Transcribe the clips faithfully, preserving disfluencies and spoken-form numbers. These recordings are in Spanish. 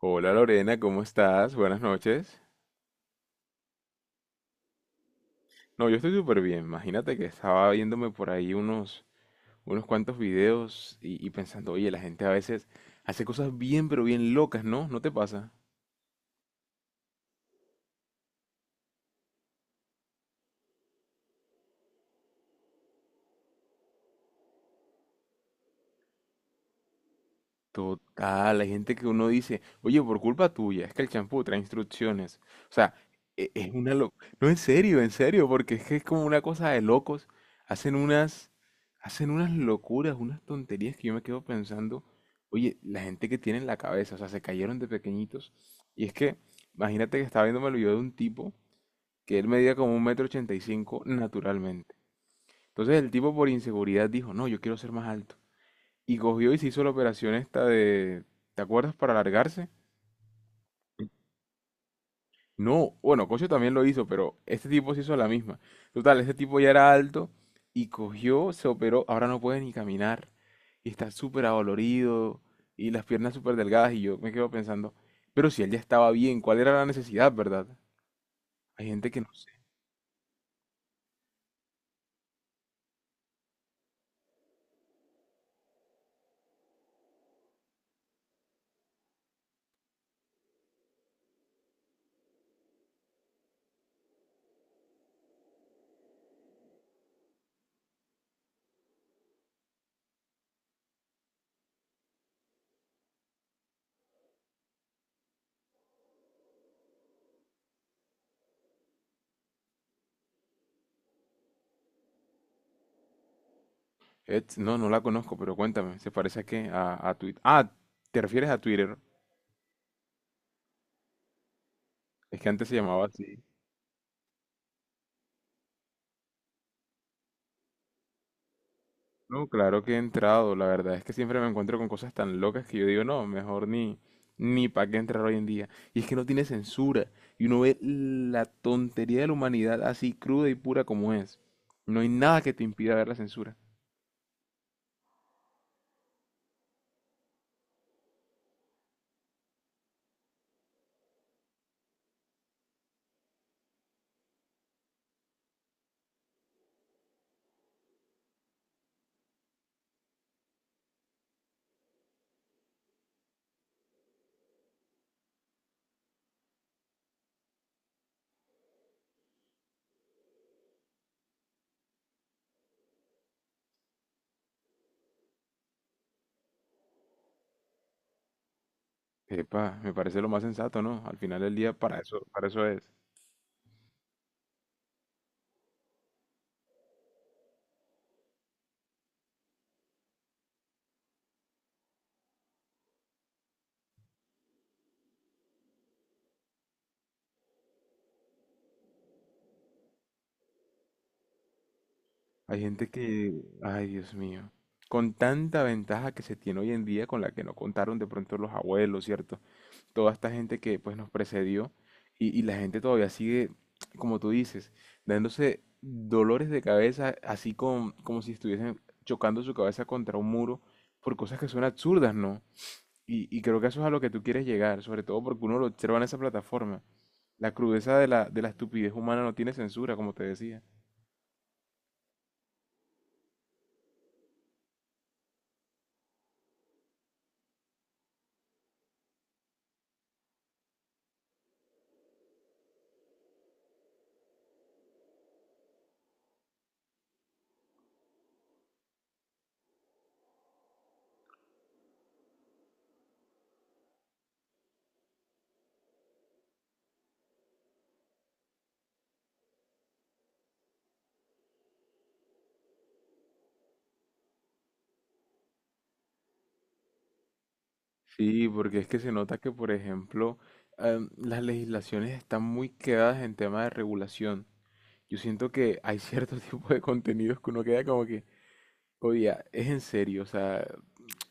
Hola Lorena, ¿cómo estás? Buenas noches. No, yo estoy súper bien. Imagínate que estaba viéndome por ahí unos, unos cuantos videos y, y pensando, oye, la gente a veces hace cosas bien, pero bien locas, ¿no? ¿No te pasa? Total, hay gente que uno dice, oye, por culpa tuya, es que el champú trae instrucciones. O sea, e- es una locura. No, en serio, en serio, porque es que es como una cosa de locos. Hacen unas, hacen unas locuras, unas tonterías que yo me quedo pensando, oye, la gente que tiene en la cabeza, o sea, se cayeron de pequeñitos. Y es que, imagínate que estaba viendo el video de un tipo que él medía como un metro ochenta y cinco naturalmente. Entonces el tipo por inseguridad dijo, no, yo quiero ser más alto. Y cogió y se hizo la operación esta de, ¿te acuerdas? Para alargarse. No, bueno, Cocho también lo hizo, pero este tipo se hizo la misma. Total, este tipo ya era alto y cogió, se operó, ahora no puede ni caminar. Y está súper adolorido y las piernas súper delgadas y yo me quedo pensando, pero si él ya estaba bien, ¿cuál era la necesidad, verdad? Hay gente que no sé. Ets- no, no la conozco, pero cuéntame, ¿se parece a qué? A, a Twitter. Ah, ¿te refieres a Twitter? Es que antes se llamaba así. No, claro que he entrado. La verdad es que siempre me encuentro con cosas tan locas que yo digo, no, mejor ni, ni para qué entrar hoy en día. Y es que no tiene censura. Y uno ve la tontería de la humanidad así cruda y pura como es. No hay nada que te impida ver la censura. Epa, me parece lo más sensato, ¿no? Al final del día, para eso, para eso es. Hay gente que, ay, Dios mío, con tanta ventaja que se tiene hoy en día con la que no contaron de pronto los abuelos, ¿cierto? Toda esta gente que pues nos precedió y, y la gente todavía sigue, como tú dices, dándose dolores de cabeza, así con- como si estuviesen chocando su cabeza contra un muro por cosas que son absurdas, ¿no? Y, y creo que eso es a lo que tú quieres llegar, sobre todo porque uno lo observa en esa plataforma. La crudeza de la, de la estupidez humana no tiene censura, como te decía. Sí, porque es que se nota que, por ejemplo, em, las legislaciones están muy quedadas en tema de regulación. Yo siento que hay cierto tipo de contenidos que uno queda como que, oye, es en serio, o sea,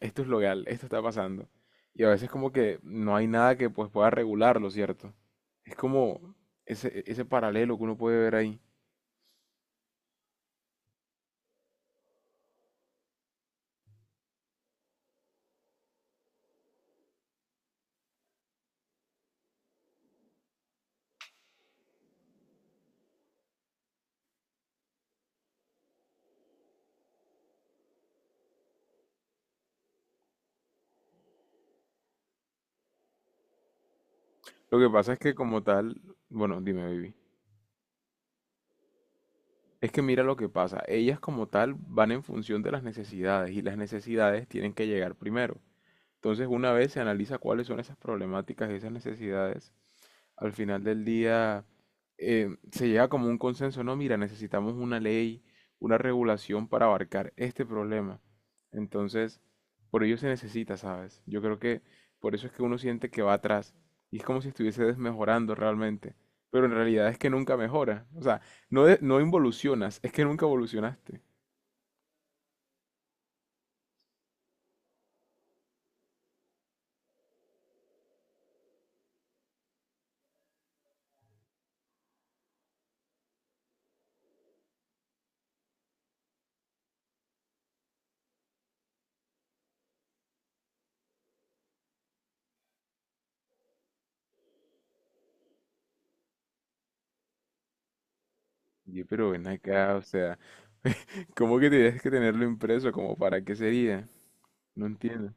esto es legal, esto está pasando. Y a veces como que no hay nada que pues pueda regularlo, ¿cierto? Es como ese, ese paralelo que uno puede ver ahí. Lo que pasa es que como tal, bueno, dime, baby. Es que mira lo que pasa. Ellas como tal van en función de las necesidades y las necesidades tienen que llegar primero. Entonces, una vez se analiza cuáles son esas problemáticas y esas necesidades, al final del día eh, se llega como un consenso, no, mira, necesitamos una ley, una regulación para abarcar este problema. Entonces, por ello se necesita, ¿sabes? Yo creo que por eso es que uno siente que va atrás y es como si estuviese desmejorando realmente, pero en realidad es que nunca mejora, o sea, no, de- no involucionas, es que nunca evolucionaste. Oye, pero ven acá, o sea, ¿cómo que tienes que tenerlo impreso? ¿Como para qué sería? No entiendo.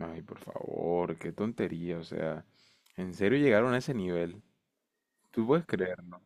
Ay, por favor, qué tontería, o sea, en serio llegaron a ese nivel. Tú puedes creerlo.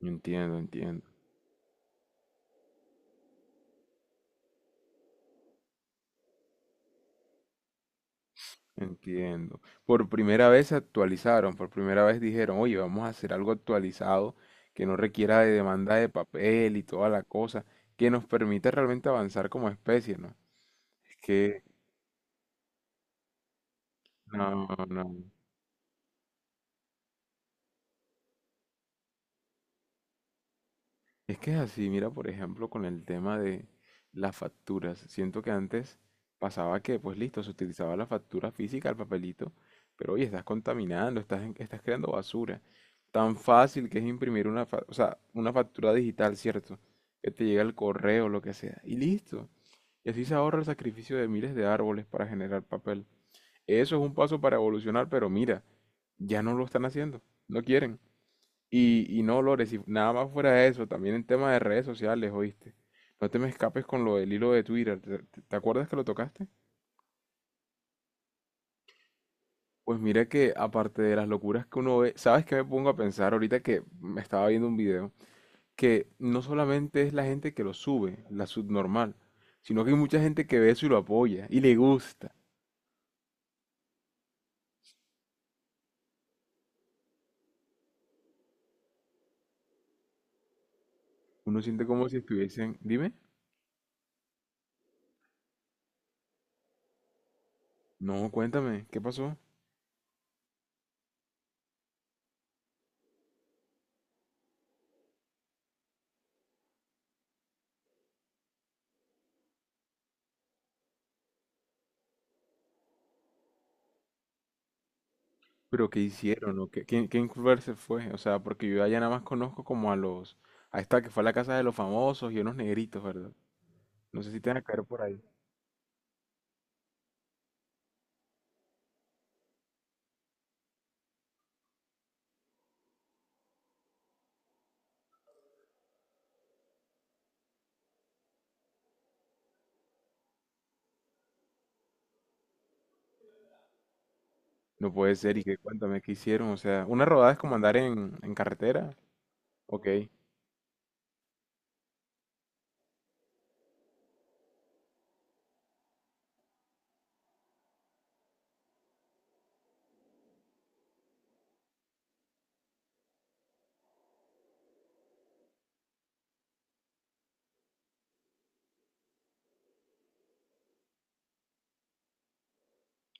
Entiendo, entiendo, entiendo. Por primera vez se actualizaron, por primera vez dijeron, oye, vamos a hacer algo actualizado que no requiera de demanda de papel y toda la cosa, que nos permita realmente avanzar como especie, ¿no? Es que, no, no, no. Es que es así, mira, por ejemplo, con el tema de las facturas. Siento que antes pasaba que, pues listo, se utilizaba la factura física, el papelito, pero oye, estás contaminando, estás, en- estás creando basura. Tan fácil que es imprimir una, fa- o sea, una factura digital, ¿cierto? Que te llega el correo, lo que sea, y listo. Y así se ahorra el sacrificio de miles de árboles para generar papel. Eso es un paso para evolucionar, pero mira, ya no lo están haciendo, no quieren. Y, y no, Lores, y nada más fuera de eso, también en tema de redes sociales, ¿oíste? No te me escapes con lo del hilo de Twitter. ¿Te, te- te acuerdas que lo tocaste? Pues mira que aparte de las locuras que uno ve, ¿sabes qué me pongo a pensar ahorita que me estaba viendo un video? Que no solamente es la gente que lo sube, la subnormal, sino que hay mucha gente que ve eso y lo apoya y le gusta. Uno siente como si estuviesen... Dime. No, cuéntame, ¿qué pasó? Pero ¿qué hicieron? ¿O qué, quién, quién Culver se fue? O sea, porque yo allá nada más conozco como a los... Ahí está, que fue a la casa de los famosos y unos negritos, ¿verdad? No sé si te van a caer por ahí. No puede ser, y que cuéntame qué hicieron. O sea, una rodada es como andar en, en carretera. Ok.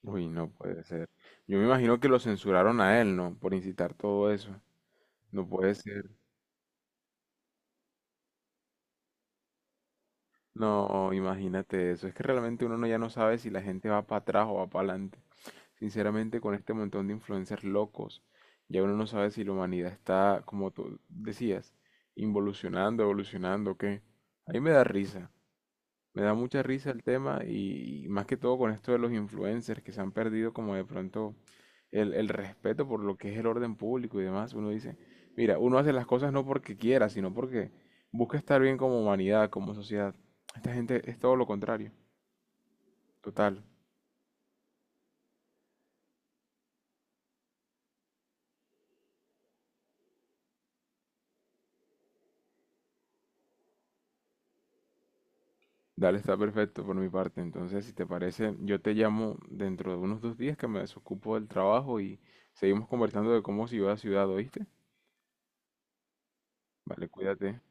Uy, no puede ser. Yo me imagino que lo censuraron a él, ¿no? Por incitar todo eso. No puede ser. No, imagínate eso. Es que realmente uno no- ya no sabe si la gente va para atrás o va para adelante. Sinceramente, con este montón de influencers locos, ya uno no sabe si la humanidad está, como tú decías, involucionando, evolucionando, o qué. A mí me da risa, me da mucha risa el tema y, y más que todo con esto de los influencers que se han perdido como de pronto el, el respeto por lo que es el orden público y demás. Uno dice, mira, uno hace las cosas no porque quiera, sino porque busca estar bien como humanidad, como sociedad. Esta gente es todo lo contrario, total. Dale, está perfecto por mi parte. Entonces, si te parece, yo te llamo dentro de unos dos días que me desocupo del trabajo y seguimos conversando de cómo ciudad a ciudad, ¿oíste? Vale, cuídate.